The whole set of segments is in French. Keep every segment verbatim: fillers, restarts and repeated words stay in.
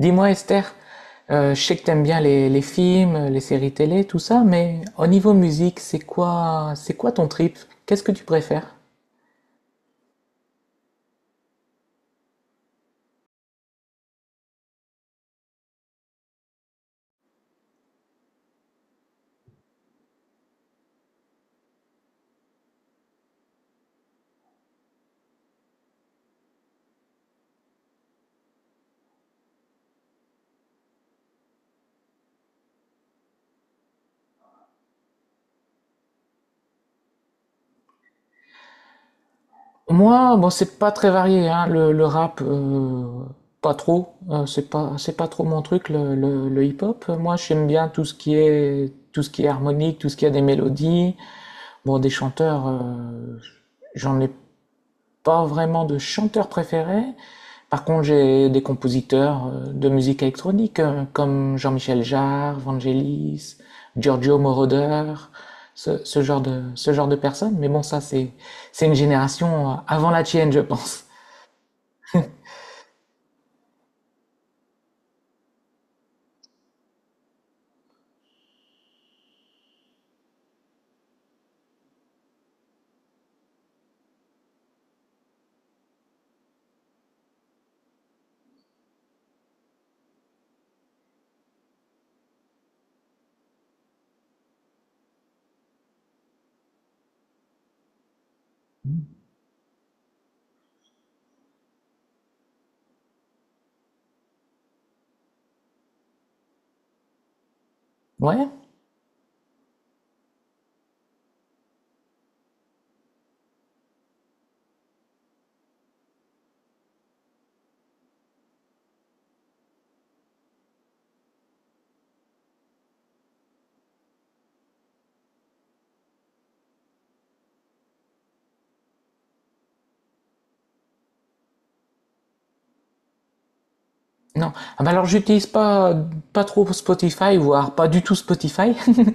Dis-moi Esther, euh, je sais que t'aimes bien les, les films, les séries télé, tout ça, mais au niveau musique, c'est quoi, c'est quoi ton trip? Qu'est-ce que tu préfères? Moi, bon, c'est pas très varié, hein, le, le rap, euh, pas trop, euh, c'est pas, c'est pas trop mon truc, le, le, le hip-hop. Moi, j'aime bien tout ce qui est, tout ce qui est harmonique, tout ce qui a des mélodies. Bon, des chanteurs, euh, j'en ai pas vraiment de chanteur préféré. Par contre, j'ai des compositeurs euh, de musique électronique euh, comme Jean-Michel Jarre, Vangelis, Giorgio Moroder, ce, ce genre de, ce genre de personnes. Mais bon, ça, c'est une génération euh, avant la tienne, je pense. Ouais. Non. Ah bah alors j'utilise pas pas trop Spotify, voire pas du tout Spotify.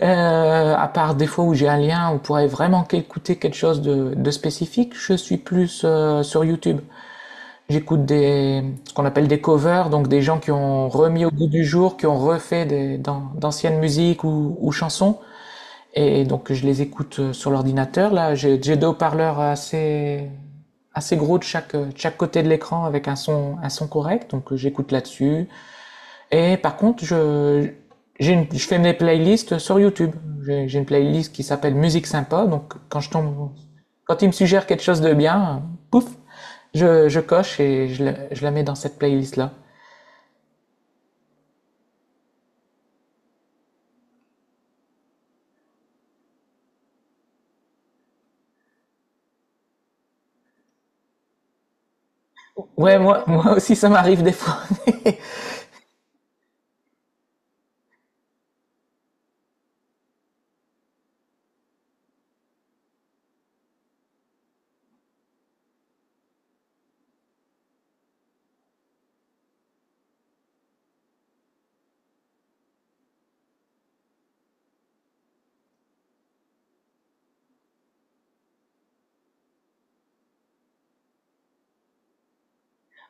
Euh, à part des fois où j'ai un lien, où on pourrait vraiment écouter quelque chose de, de spécifique. Je suis plus euh, sur YouTube. J'écoute des Ce qu'on appelle des covers, donc des gens qui ont remis au goût du jour, qui ont refait des, d'an- d'anciennes musiques ou, ou chansons. Et donc je les écoute euh, sur l'ordinateur. Là, j'ai j'ai deux haut-parleurs assez assez gros de chaque, euh, de chaque côté de l'écran avec un son, un son correct, donc euh, j'écoute là-dessus. Et par contre, je, j'ai une- je fais mes playlists sur YouTube. J'ai j'ai une playlist qui s'appelle Musique sympa, donc quand je tombe, quand il me suggère quelque chose de bien, euh, pouf, je, je coche et je, je la mets dans cette playlist-là. Ouais, moi, moi aussi, ça m'arrive des fois.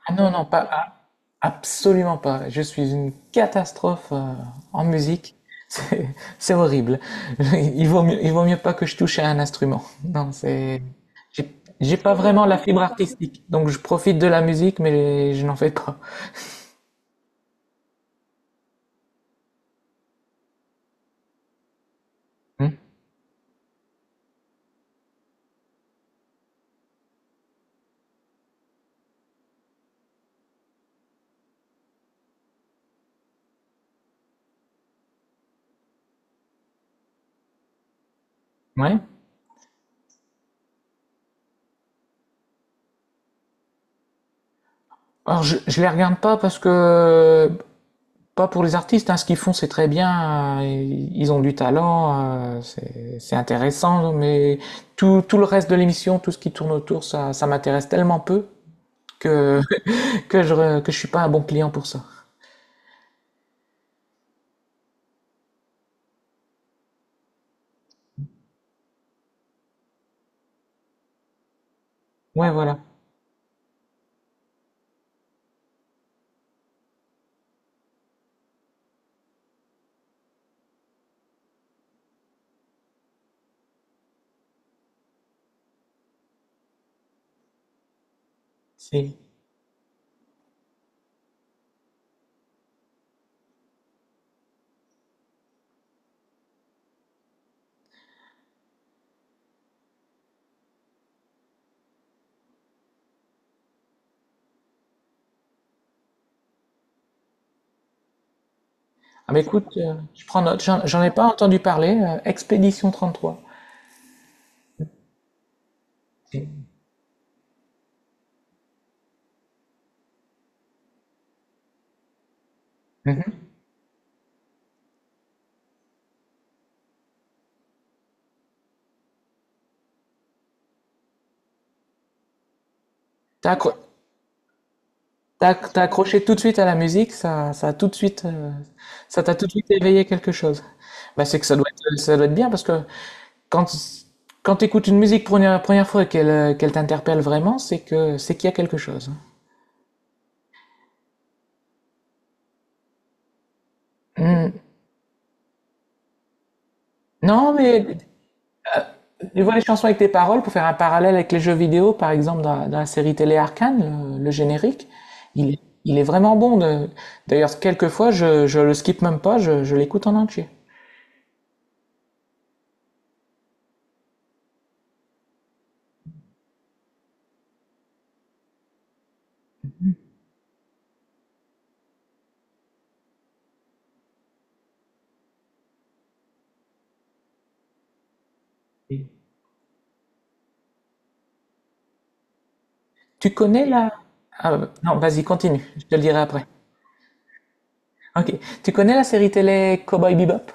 Ah non, non, pas, ah, absolument pas. Je suis une catastrophe euh, en musique. C'est c'est horrible. Il vaut mieux, il vaut mieux pas que je touche à un instrument. Non, c'est, j'ai j'ai pas vraiment la fibre artistique. Donc je profite de la musique, mais je n'en fais pas. Hmm. Ouais. Alors je, je les regarde pas parce que pas pour les artistes, hein, ce qu'ils font c'est très bien, euh, ils ont du talent, euh, c'est c'est intéressant, mais tout, tout le reste de l'émission, tout ce qui tourne autour, ça, ça m'intéresse tellement peu que, que je, re- que je suis pas un bon client pour ça. Ouais, voilà. C'est... Ah mais écoute, euh, je prends note, j'en j'en ai pas entendu parler, euh, Expédition trois. Mhm. T'as accro- T'as t'as accroché tout de suite à la musique, ça, ça a tout de suite, euh, ça t'a tout de suite éveillé quelque chose. Bah, c'est que ça doit être, ça doit être bien parce que quand, quand t'écoutes une musique pour une première fois et qu'elle, euh, qu'elle t'interpelle vraiment, c'est que, c'est qu'il y a quelque chose. Hmm. Non, mais tu vois les chansons avec tes paroles pour faire un parallèle avec les jeux vidéo, par exemple, dans, la dans la série télé Arcane, le, le générique, il, est- il est vraiment bon. De- D'ailleurs, quelquefois, je, je le skip même pas, je, je l'écoute en entier. Tu connais la... Ah, non, vas-y, continue, je te le dirai après. Ok. Tu connais la série télé Cowboy Bebop?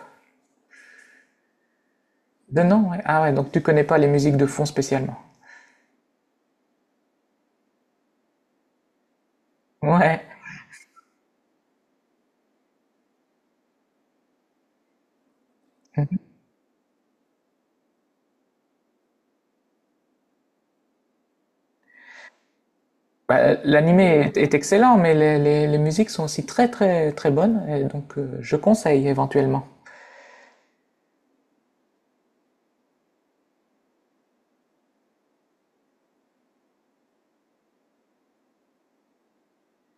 De nom, ouais. Ah ouais, donc tu connais pas les musiques de fond spécialement. Ouais. Bah, l'animé est, est excellent, mais les, les- les musiques sont aussi très très très bonnes, et donc euh, je conseille éventuellement.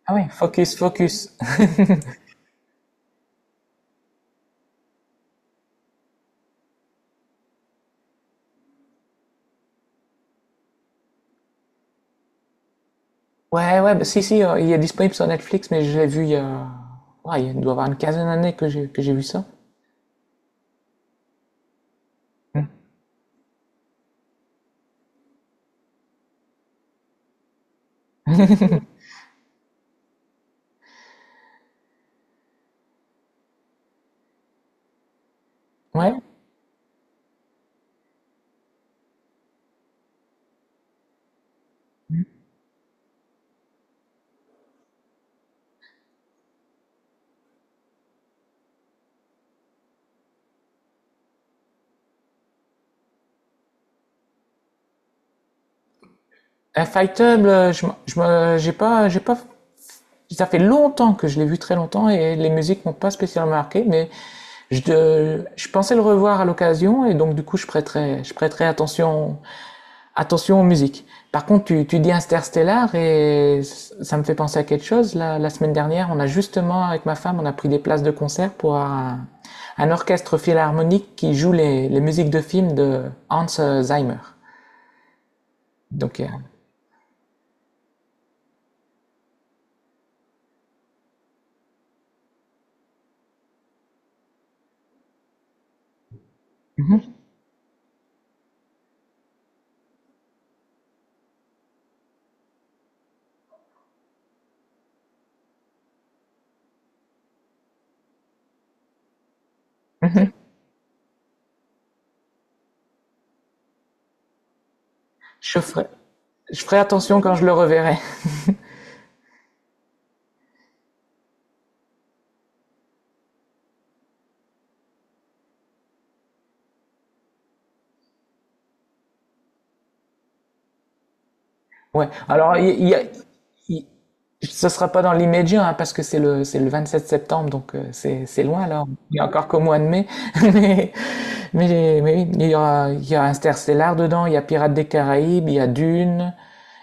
Ah ouais, Focus, Focus. Ouais, ouais, bah, si, si, euh, il est disponible sur Netflix, mais je l'ai vu il y a... Ouais, il doit y avoir une quinzaine d'années que j'ai que j'ai vu ça. Ouais. Euh, Fightable, euh, je, m- je me, j'ai pas, j'ai pas Ça fait longtemps que je l'ai vu, très longtemps, et les musiques m'ont pas spécialement marqué, mais je, euh, je pensais le revoir à l'occasion, et donc du coup, je prêterai, je prêterai attention, attention aux musiques. Par contre, tu, tu dis Interstellar, et ça me fait penser à quelque chose. La, la semaine dernière, on a justement, avec ma femme, on a pris des places de concert pour un, un orchestre philharmonique qui joue les, les musiques de films de Hans Zimmer. Donc, euh, je, ferai, je ferai attention quand je le reverrai. Ouais. Alors, il y a, il- Ce sera pas dans l'immédiat, hein, parce que c'est le, c'est le vingt-sept septembre, donc euh, c'est, c'est loin, là. Il n'y a encore qu'au mois de mai. Mais, mais, mais oui, il y aura, il y a Interstellar dedans, il y a Pirates des Caraïbes, il y a Dune.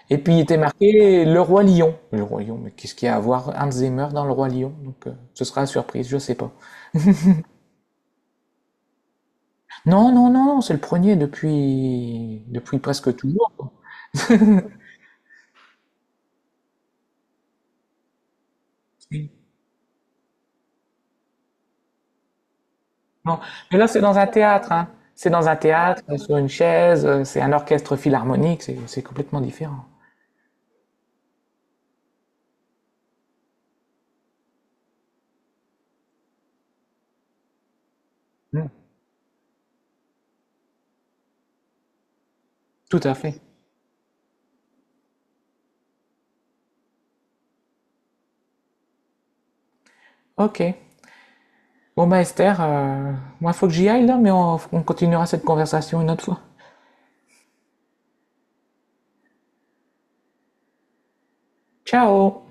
Et puis, il était marqué Le Roi Lion. Le Roi Lion, mais qu'est-ce qu'il y a à voir Hans Zimmer dans Le Roi Lion? Donc, euh, ce sera une surprise, je sais pas. Non, non, non, c'est le premier depuis, depuis presque toujours, quoi. Non, mais là, c'est dans un théâtre, hein. C'est dans un théâtre, euh, sur une chaise, euh, c'est un orchestre philharmonique, c'est c'est complètement différent. Mm. Tout à fait. Ok. Bon, bah, Esther, euh, moi, faut que j'y aille là, mais on, on continuera cette conversation une autre fois. Ciao!